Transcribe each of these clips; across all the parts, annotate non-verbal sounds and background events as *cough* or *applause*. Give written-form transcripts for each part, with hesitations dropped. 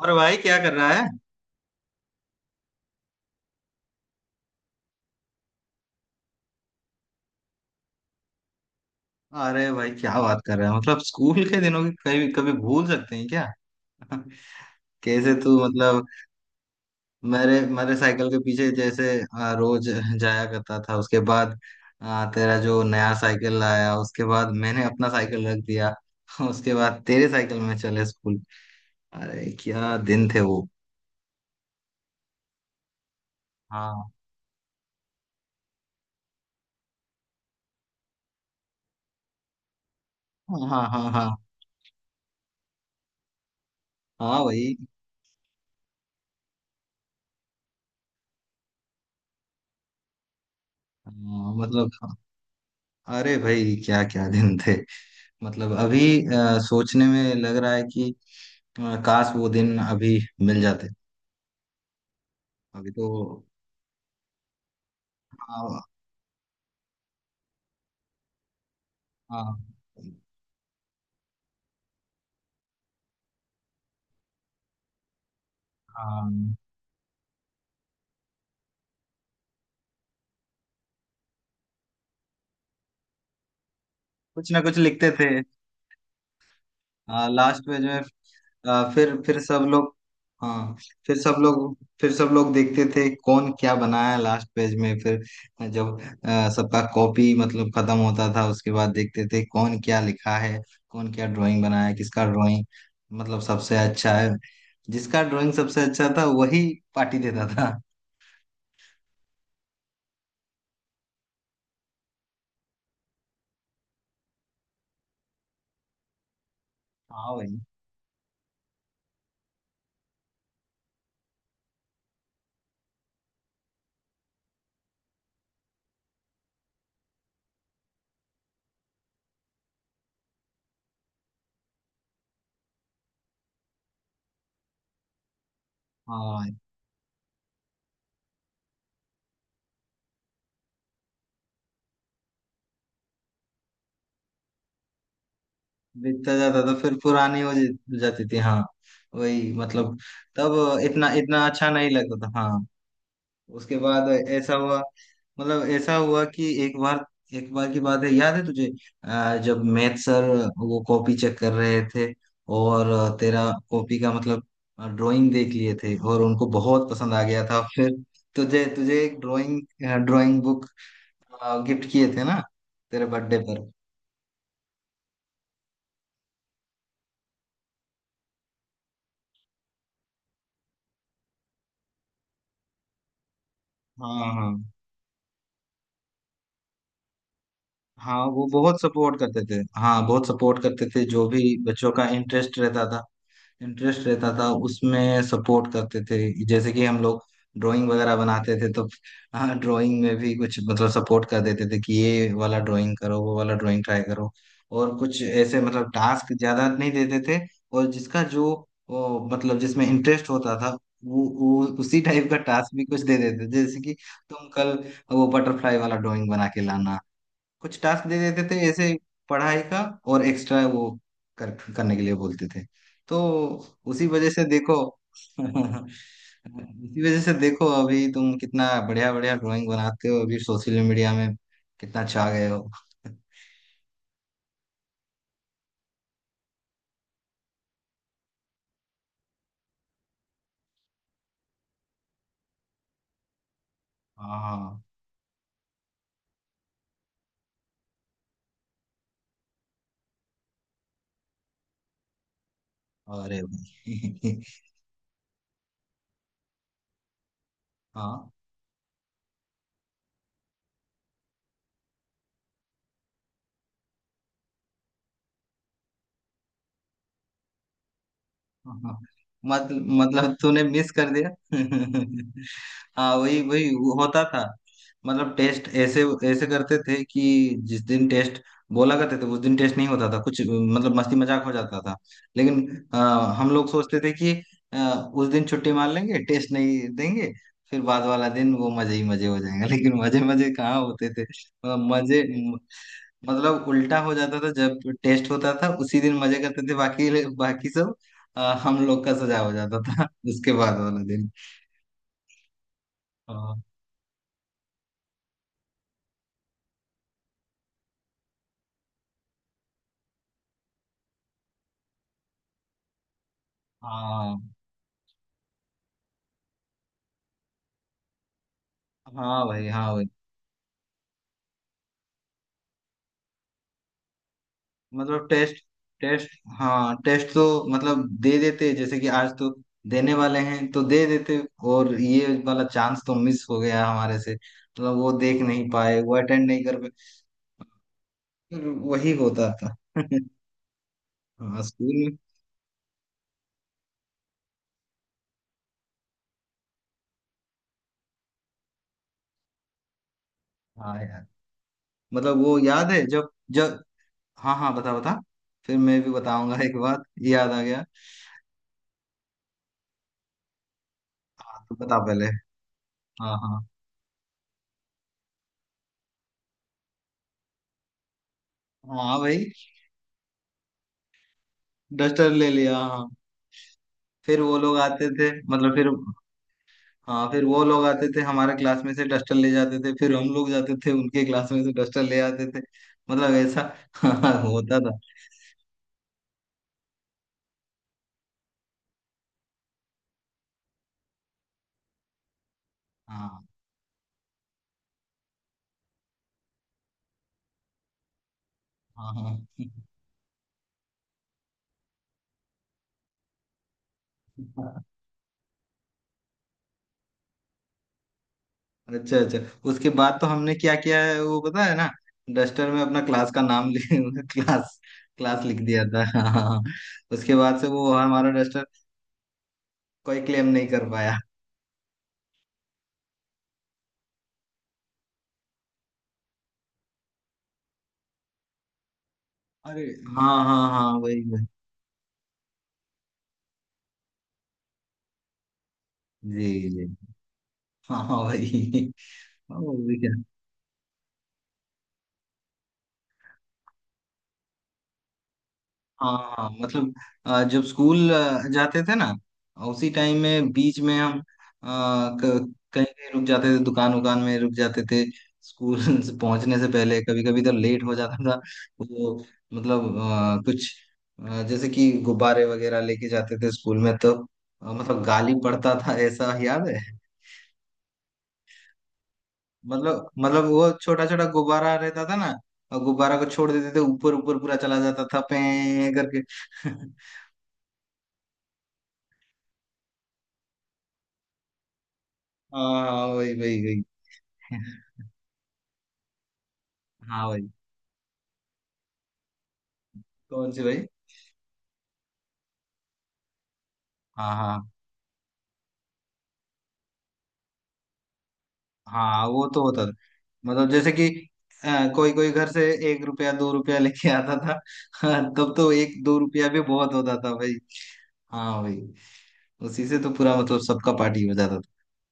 और भाई क्या कर रहा है? अरे भाई क्या बात कर रहा है, मतलब स्कूल के दिनों की कभी कभी भूल सकते हैं क्या? *laughs* कैसे तू मतलब। मेरे मेरे साइकिल के पीछे जैसे रोज जाया करता था। उसके बाद तेरा जो नया साइकिल आया, उसके बाद मैंने अपना साइकिल रख दिया। *laughs* उसके बाद तेरे साइकिल में चले स्कूल। अरे क्या दिन थे वो। हाँ, हाँ, हाँ, हाँ। हाँ, हाँ भाई। हाँ, मतलब हाँ। अरे भाई क्या क्या दिन थे। मतलब अभी सोचने में लग रहा है कि काश वो दिन अभी मिल जाते। अभी तो। हाँ, हाँ। हाँ, कुछ ना कुछ लिखते थे। लास्ट पेज में। फिर सब लोग। हाँ, फिर सब लोग देखते थे कौन क्या बनाया लास्ट पेज में फिर। जब सबका कॉपी मतलब खत्म होता था, उसके बाद देखते थे कौन क्या लिखा है, कौन क्या ड्राइंग बनाया है, किसका ड्राइंग मतलब सबसे अच्छा है। जिसका ड्राइंग सबसे अच्छा था वही पार्टी देता था। हाँ भाई। हाँ, बीतता जाता तो फिर पुरानी हो जाती थी, हाँ। वही मतलब। तब इतना इतना अच्छा नहीं लगता था, हाँ। उसके बाद ऐसा हुआ, मतलब ऐसा हुआ कि एक बार की बात है, याद है तुझे? जब मैथ सर वो कॉपी चेक कर रहे थे, और तेरा कॉपी का मतलब ड्राइंग देख लिए थे और उनको बहुत पसंद आ गया था। फिर तुझे तुझे एक ड्राइंग, ड्राइंग बुक गिफ्ट किए थे ना तेरे बर्थडे पर। हाँ, हाँ, हाँ। वो बहुत सपोर्ट करते थे, हाँ, बहुत सपोर्ट करते थे। जो भी बच्चों का इंटरेस्ट रहता था, इंटरेस्ट रहता था उसमें सपोर्ट करते थे। जैसे कि हम लोग ड्राइंग वगैरह बनाते थे तो *laughs* हाँ, ड्राइंग में भी कुछ मतलब सपोर्ट कर देते थे कि ये वाला ड्राइंग करो, वो वाला ड्राइंग ट्राई करो। और कुछ ऐसे मतलब टास्क ज्यादा नहीं देते थे। और जिसका जो वो, मतलब जिसमें इंटरेस्ट होता था, वो उसी टाइप का टास्क भी कुछ दे देते थे, जैसे कि तुम कल वो बटरफ्लाई वाला ड्राइंग बना के लाना। कुछ टास्क दे देते थे ऐसे, पढ़ाई का और एक्स्ट्रा वो कर, करने के लिए बोलते थे तो उसी वजह से देखो। *laughs* उसी वजह से देखो अभी तुम कितना बढ़िया बढ़िया ड्राइंग बनाते हो, अभी सोशल मीडिया में कितना छा गए हो। *laughs* हाँ। अरे भाई। *laughs* हाँ, हाँ, मत, मतलब तूने मिस कर दिया। *laughs* हाँ, वही वही होता था। मतलब टेस्ट ऐसे ऐसे करते थे कि जिस दिन टेस्ट बोला करते थे उस दिन टेस्ट नहीं होता था, कुछ मतलब मस्ती मजाक हो जाता था। लेकिन हम लोग सोचते थे कि उस दिन छुट्टी मार लेंगे, टेस्ट नहीं देंगे, फिर बाद वाला दिन वो मजे ही मजे हो जाएंगे। *laughs* लेकिन मजे मजे कहाँ होते थे, मतलब मजे मतलब उल्टा हो जाता था। जब टेस्ट होता था उसी दिन मजे करते थे, बाकी बाकी सब हम लोग का सजा हो जाता था *laughs* उसके बाद वाला दिन। आ, हाँ, हाँ भाई। हाँ भाई, मतलब टेस्ट टेस्ट हाँ, टेस्ट तो मतलब दे देते, जैसे कि आज तो देने वाले हैं तो दे देते, और ये वाला चांस तो मिस हो गया हमारे से, मतलब वो देख नहीं पाए, वो अटेंड नहीं कर पाए। फिर वही होता था। *laughs* हाँ स्कूल में। हाँ यार, मतलब वो याद है जब जब। हाँ, हाँ, बता बता। फिर मैं भी बताऊंगा, एक बात याद आ गया। हाँ, तो बता पहले। हाँ, हाँ, हाँ भाई। डस्टर ले लिया, हाँ। फिर वो लोग आते थे, मतलब फिर। हाँ, फिर वो लोग आते थे हमारे क्लास में से डस्टर ले जाते थे, फिर हम लोग जाते थे उनके क्लास में से डस्टर ले आते थे। मतलब ऐसा *laughs* होता था। हाँ, हाँ, हाँ। अच्छा, अच्छा। उसके बाद तो हमने क्या किया है वो पता है ना? डस्टर में अपना क्लास का नाम लिख। *laughs* क्लास क्लास लिख दिया था। *laughs* हाँ, उसके बाद से वो हमारा डस्टर कोई क्लेम नहीं कर पाया। अरे हाँ, हाँ, हाँ, वही वही। जी, जी। हाँ, हाँ भाई। हाँ, वो भी क्या। हाँ, हाँ, मतलब जब स्कूल जाते थे ना, उसी टाइम में बीच में हम कहीं कहीं रुक जाते थे, दुकान उकान में रुक जाते थे। स्कूल *laughs* से पहुंचने से पहले कभी कभी तो लेट हो जाता था वो, मतलब कुछ जैसे कि गुब्बारे वगैरह लेके जाते थे स्कूल में तो मतलब गाली पड़ता था, ऐसा याद है। मतलब वो छोटा छोटा गुब्बारा रहता था ना, और गुब्बारा को छोड़ देते थे, ऊपर ऊपर पूरा चला जाता था, पे करके। *laughs* हाँ, वही, वही, वही। हाँ भाई। कौन सी भाई? हाँ, हाँ, हाँ, वो तो होता था। मतलब जैसे कि कोई कोई घर से 1 रुपया 2 रुपया लेके आता था। *laughs* तब तो 1-2 रुपया भी बहुत होता था भाई। हाँ भाई, उसी से तो पूरा मतलब सबका पार्टी हो जाता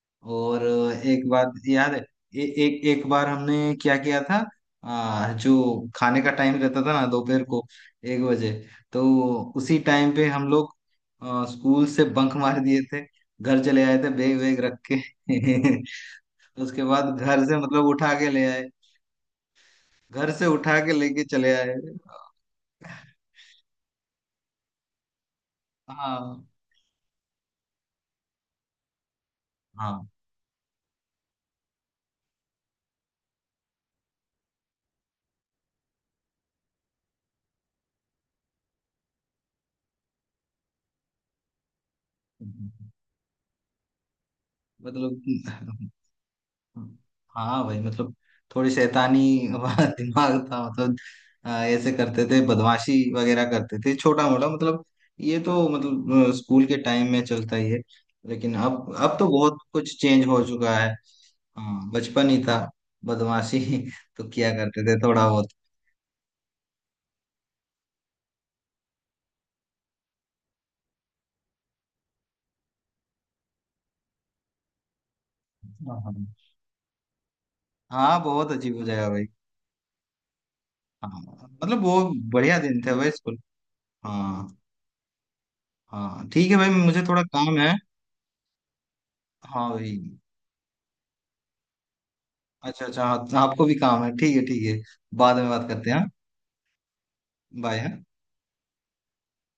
था। और एक बात याद है, ए, एक एक बार हमने क्या किया था। जो खाने का टाइम रहता था ना, दोपहर को 1 बजे, तो उसी टाइम पे हम लोग स्कूल से बंक मार दिए थे, घर चले आए थे बैग वैग रख के। *laughs* उसके बाद घर से मतलब उठा के ले आए, घर से उठा के लेके चले आए। हाँ, हाँ, मतलब हाँ भाई, मतलब थोड़ी शैतानी वाला *laughs* दिमाग था, मतलब ऐसे करते थे, बदमाशी वगैरह करते थे छोटा मोटा, मतलब ये तो मतलब स्कूल के टाइम में चलता ही है। लेकिन अब तो बहुत कुछ चेंज हो चुका है। हाँ, बचपन ही था, बदमाशी *laughs* तो किया करते थे थोड़ा बहुत। हाँ, हाँ, हाँ, बहुत अजीब हो जाएगा भाई। हाँ, मतलब वो बढ़िया दिन थे भाई, स्कूल। हाँ, हाँ ठीक है भाई, मुझे थोड़ा काम है। हाँ भाई। अच्छा, अच्छा, हाँ, आपको भी काम है, ठीक है, ठीक है। बाद में बात करते हैं। बाय।